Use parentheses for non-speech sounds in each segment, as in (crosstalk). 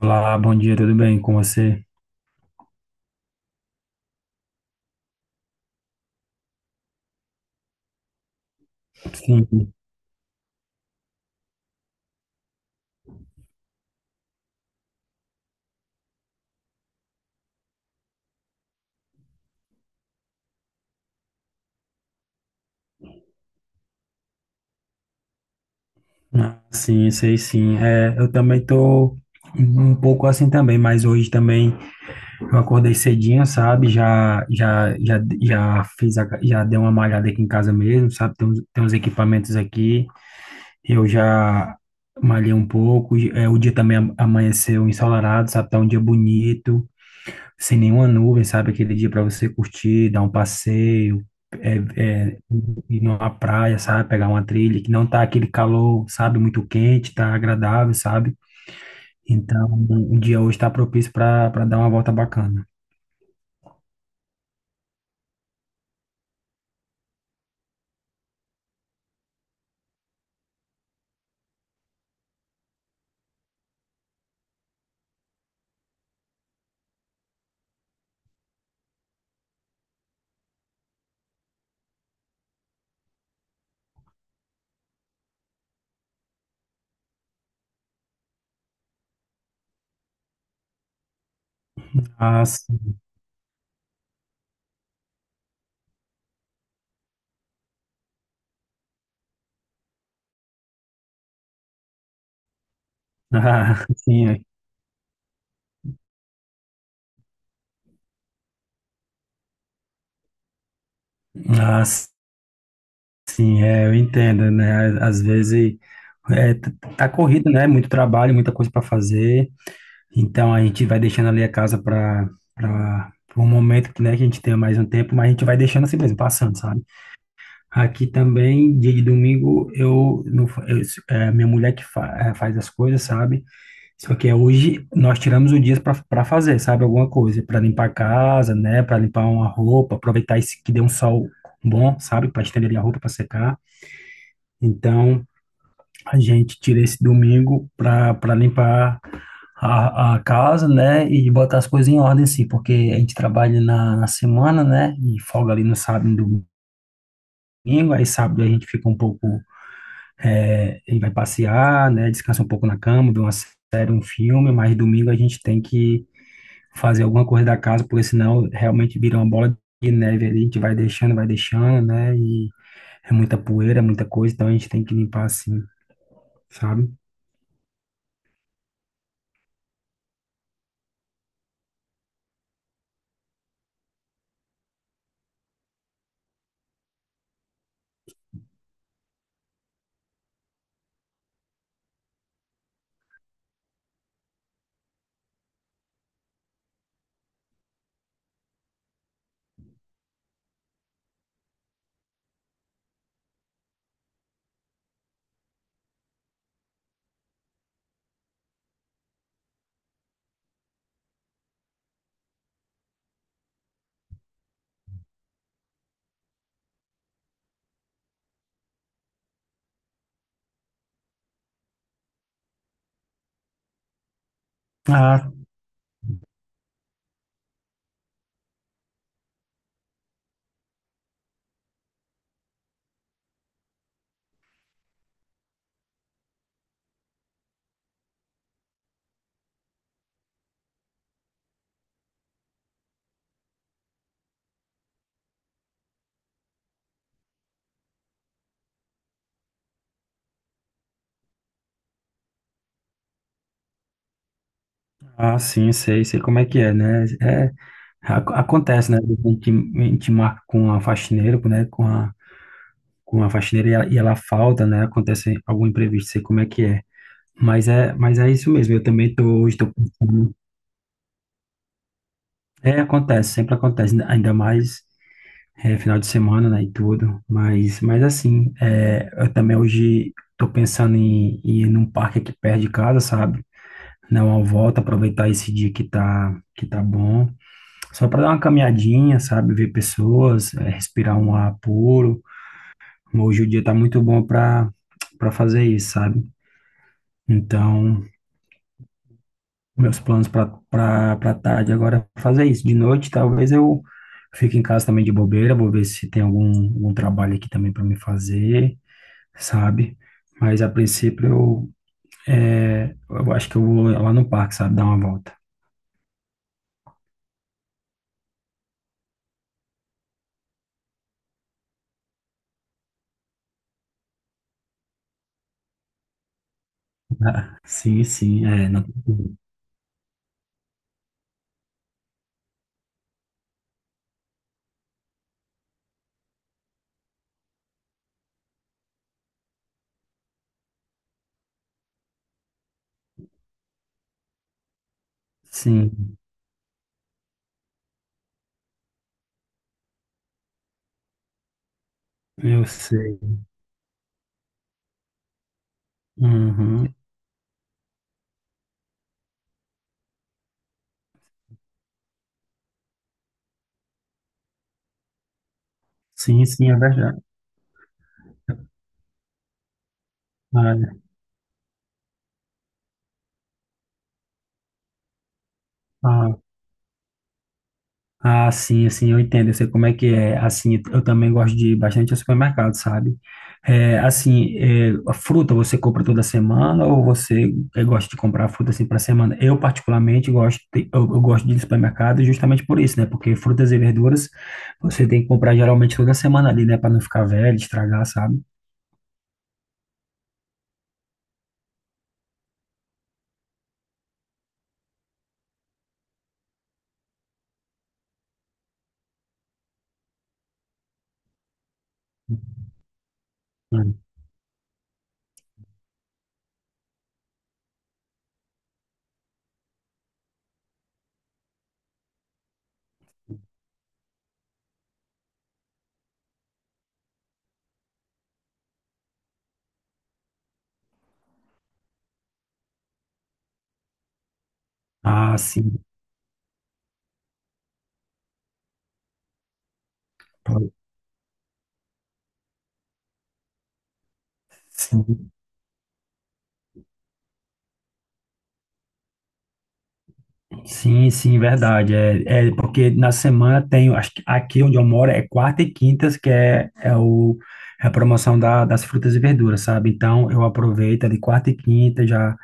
Olá, bom dia, tudo bem com você? Sim. Ah, sim, sei sim. É, eu também tô um pouco assim também, mas hoje também eu acordei cedinho, sabe? Já fiz, já dei uma malhada aqui em casa mesmo, sabe? Tem uns equipamentos aqui, eu já malhei um pouco. É, o dia também amanheceu ensolarado, sabe? Tá um dia bonito, sem nenhuma nuvem, sabe? Aquele dia para você curtir, dar um passeio é, é, ir numa praia, sabe? Pegar uma trilha que não tá aquele calor, sabe? Muito quente, tá agradável, sabe? Então, o dia hoje tá propício para dar uma volta bacana. Ah, sim. Ah, (laughs) sim, é. Ah, sim, é, eu entendo, né? Às vezes é, t- tá corrido, né? Muito trabalho, muita coisa para fazer. Então a gente vai deixando ali a casa para um momento que, né, que a gente tenha mais um tempo, mas a gente vai deixando assim mesmo, passando, sabe? Aqui também, dia de domingo, eu, não, fa- eu é minha mulher que faz as coisas, sabe? Só que é hoje nós tiramos o dia para fazer, sabe? Alguma coisa, para limpar a casa, né? Para limpar uma roupa, aproveitar esse que deu um sol bom, sabe? Para estender a roupa para secar. Então, a gente tira esse domingo para limpar a casa, né? E botar as coisas em ordem, sim, porque a gente trabalha na semana, né? E folga ali no sábado e no domingo. Aí sábado a gente fica um pouco. É, ele vai passear, né? Descansa um pouco na cama, vê uma série, um filme, mas domingo a gente tem que fazer alguma coisa da casa, porque senão realmente vira uma bola de neve ali, a gente vai deixando, né? E é muita poeira, é muita coisa, então a gente tem que limpar assim, sabe? Ah, ah, sim, sei, sei como é que é, né? É, acontece, né? A gente marca com a faxineira, né? Com a faxineira e e ela falta, né? Acontece algum imprevisto, sei como é que é. Mas é, mas é isso mesmo. Eu também tô, hoje tô pensando. É, acontece, sempre acontece, ainda mais é, final de semana, né, e tudo. Mas assim, é, eu também hoje tô pensando em ir num parque aqui perto de casa, sabe? Dar uma volta, aproveitar esse dia que tá bom. Só para dar uma caminhadinha, sabe? Ver pessoas, é, respirar um ar puro. Hoje o dia tá muito bom para fazer isso, sabe? Então, meus planos para tarde agora é fazer isso. De noite, talvez eu fique em casa também de bobeira, vou ver se tem algum trabalho aqui também para me fazer, sabe? Mas a princípio é, eu acho que eu vou lá no parque, sabe? Dar uma volta. (laughs) Ah, sim, sim, é. Não. Sim, eu sei. Uhum. Sim, sim, é verdade. Ah, ah, sim, assim, eu entendo, eu sei como é que é. Assim, eu também gosto de ir bastante ao supermercado, sabe? É, assim, é, a fruta você compra toda semana ou você é, gosta de comprar fruta assim para semana? Eu particularmente gosto, eu gosto de ir ao supermercado justamente por isso, né? Porque frutas e verduras você tem que comprar geralmente toda semana ali, né? Para não ficar velho, estragar, sabe? Hum. Ah, sim. Sim. Sim, sim, verdade. É, é porque na semana tem, acho que aqui onde eu moro é quarta e quintas, que é, é, é a promoção das frutas e verduras, sabe? Então eu aproveito de quarta e quinta, já,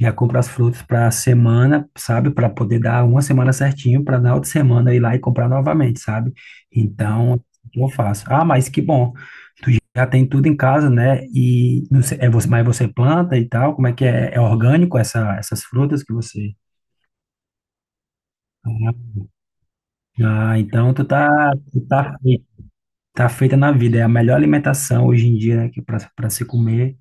já compro as frutas para a semana, sabe? Para poder dar uma semana certinho, para na outra semana ir lá e comprar novamente, sabe? Então eu faço. Ah, mas que bom, já tem tudo em casa, né? E não sei, é você, mas você planta e tal? Como é que é? É orgânico essa, essas frutas que você. Ah, então tu tu tá, fei- tá feita na vida. É a melhor alimentação hoje em dia, né, que para se comer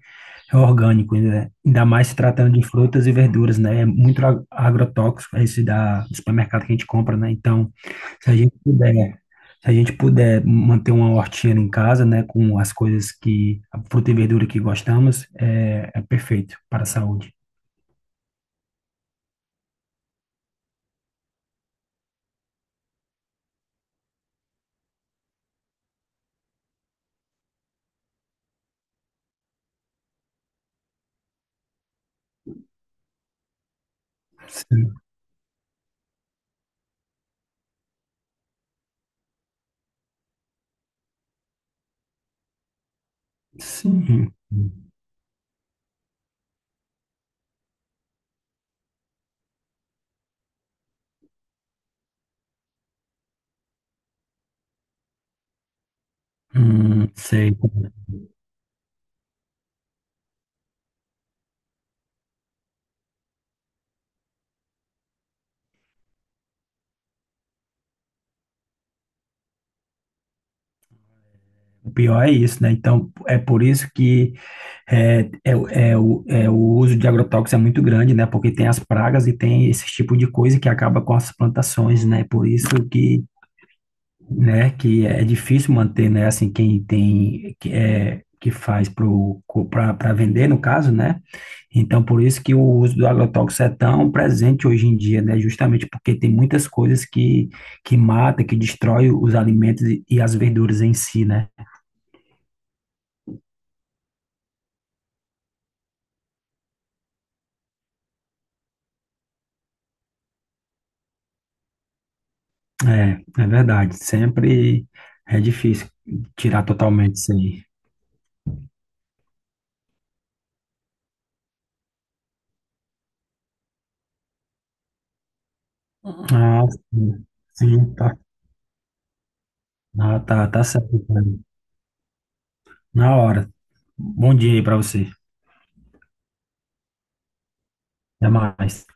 é orgânico, né? Ainda mais se tratando de frutas e verduras, né? É muito agrotóxico é esse da do supermercado que a gente compra, né? Então, se a gente puder, se a gente puder manter uma hortinha em casa, né, com as coisas que a fruta e verdura que gostamos, é, é perfeito para a saúde. Sim. Sim. Sei. O pior é isso, né? Então, é por isso que é, é, é, o uso de agrotóxicos é muito grande, né? Porque tem as pragas e tem esse tipo de coisa que acaba com as plantações, né? Por isso que, né, que é difícil manter, né? Assim, quem tem, que, é, que faz para vender, no caso, né? Então, por isso que o uso do agrotóxico é tão presente hoje em dia, né? Justamente porque tem muitas coisas que mata, que destrói os alimentos e as verduras em si, né? É, é verdade. Sempre é difícil tirar totalmente isso aí. Ah, sim. Sim, tá. Ah, tá, tá certo, cara. Na hora. Bom dia aí pra você. Até mais.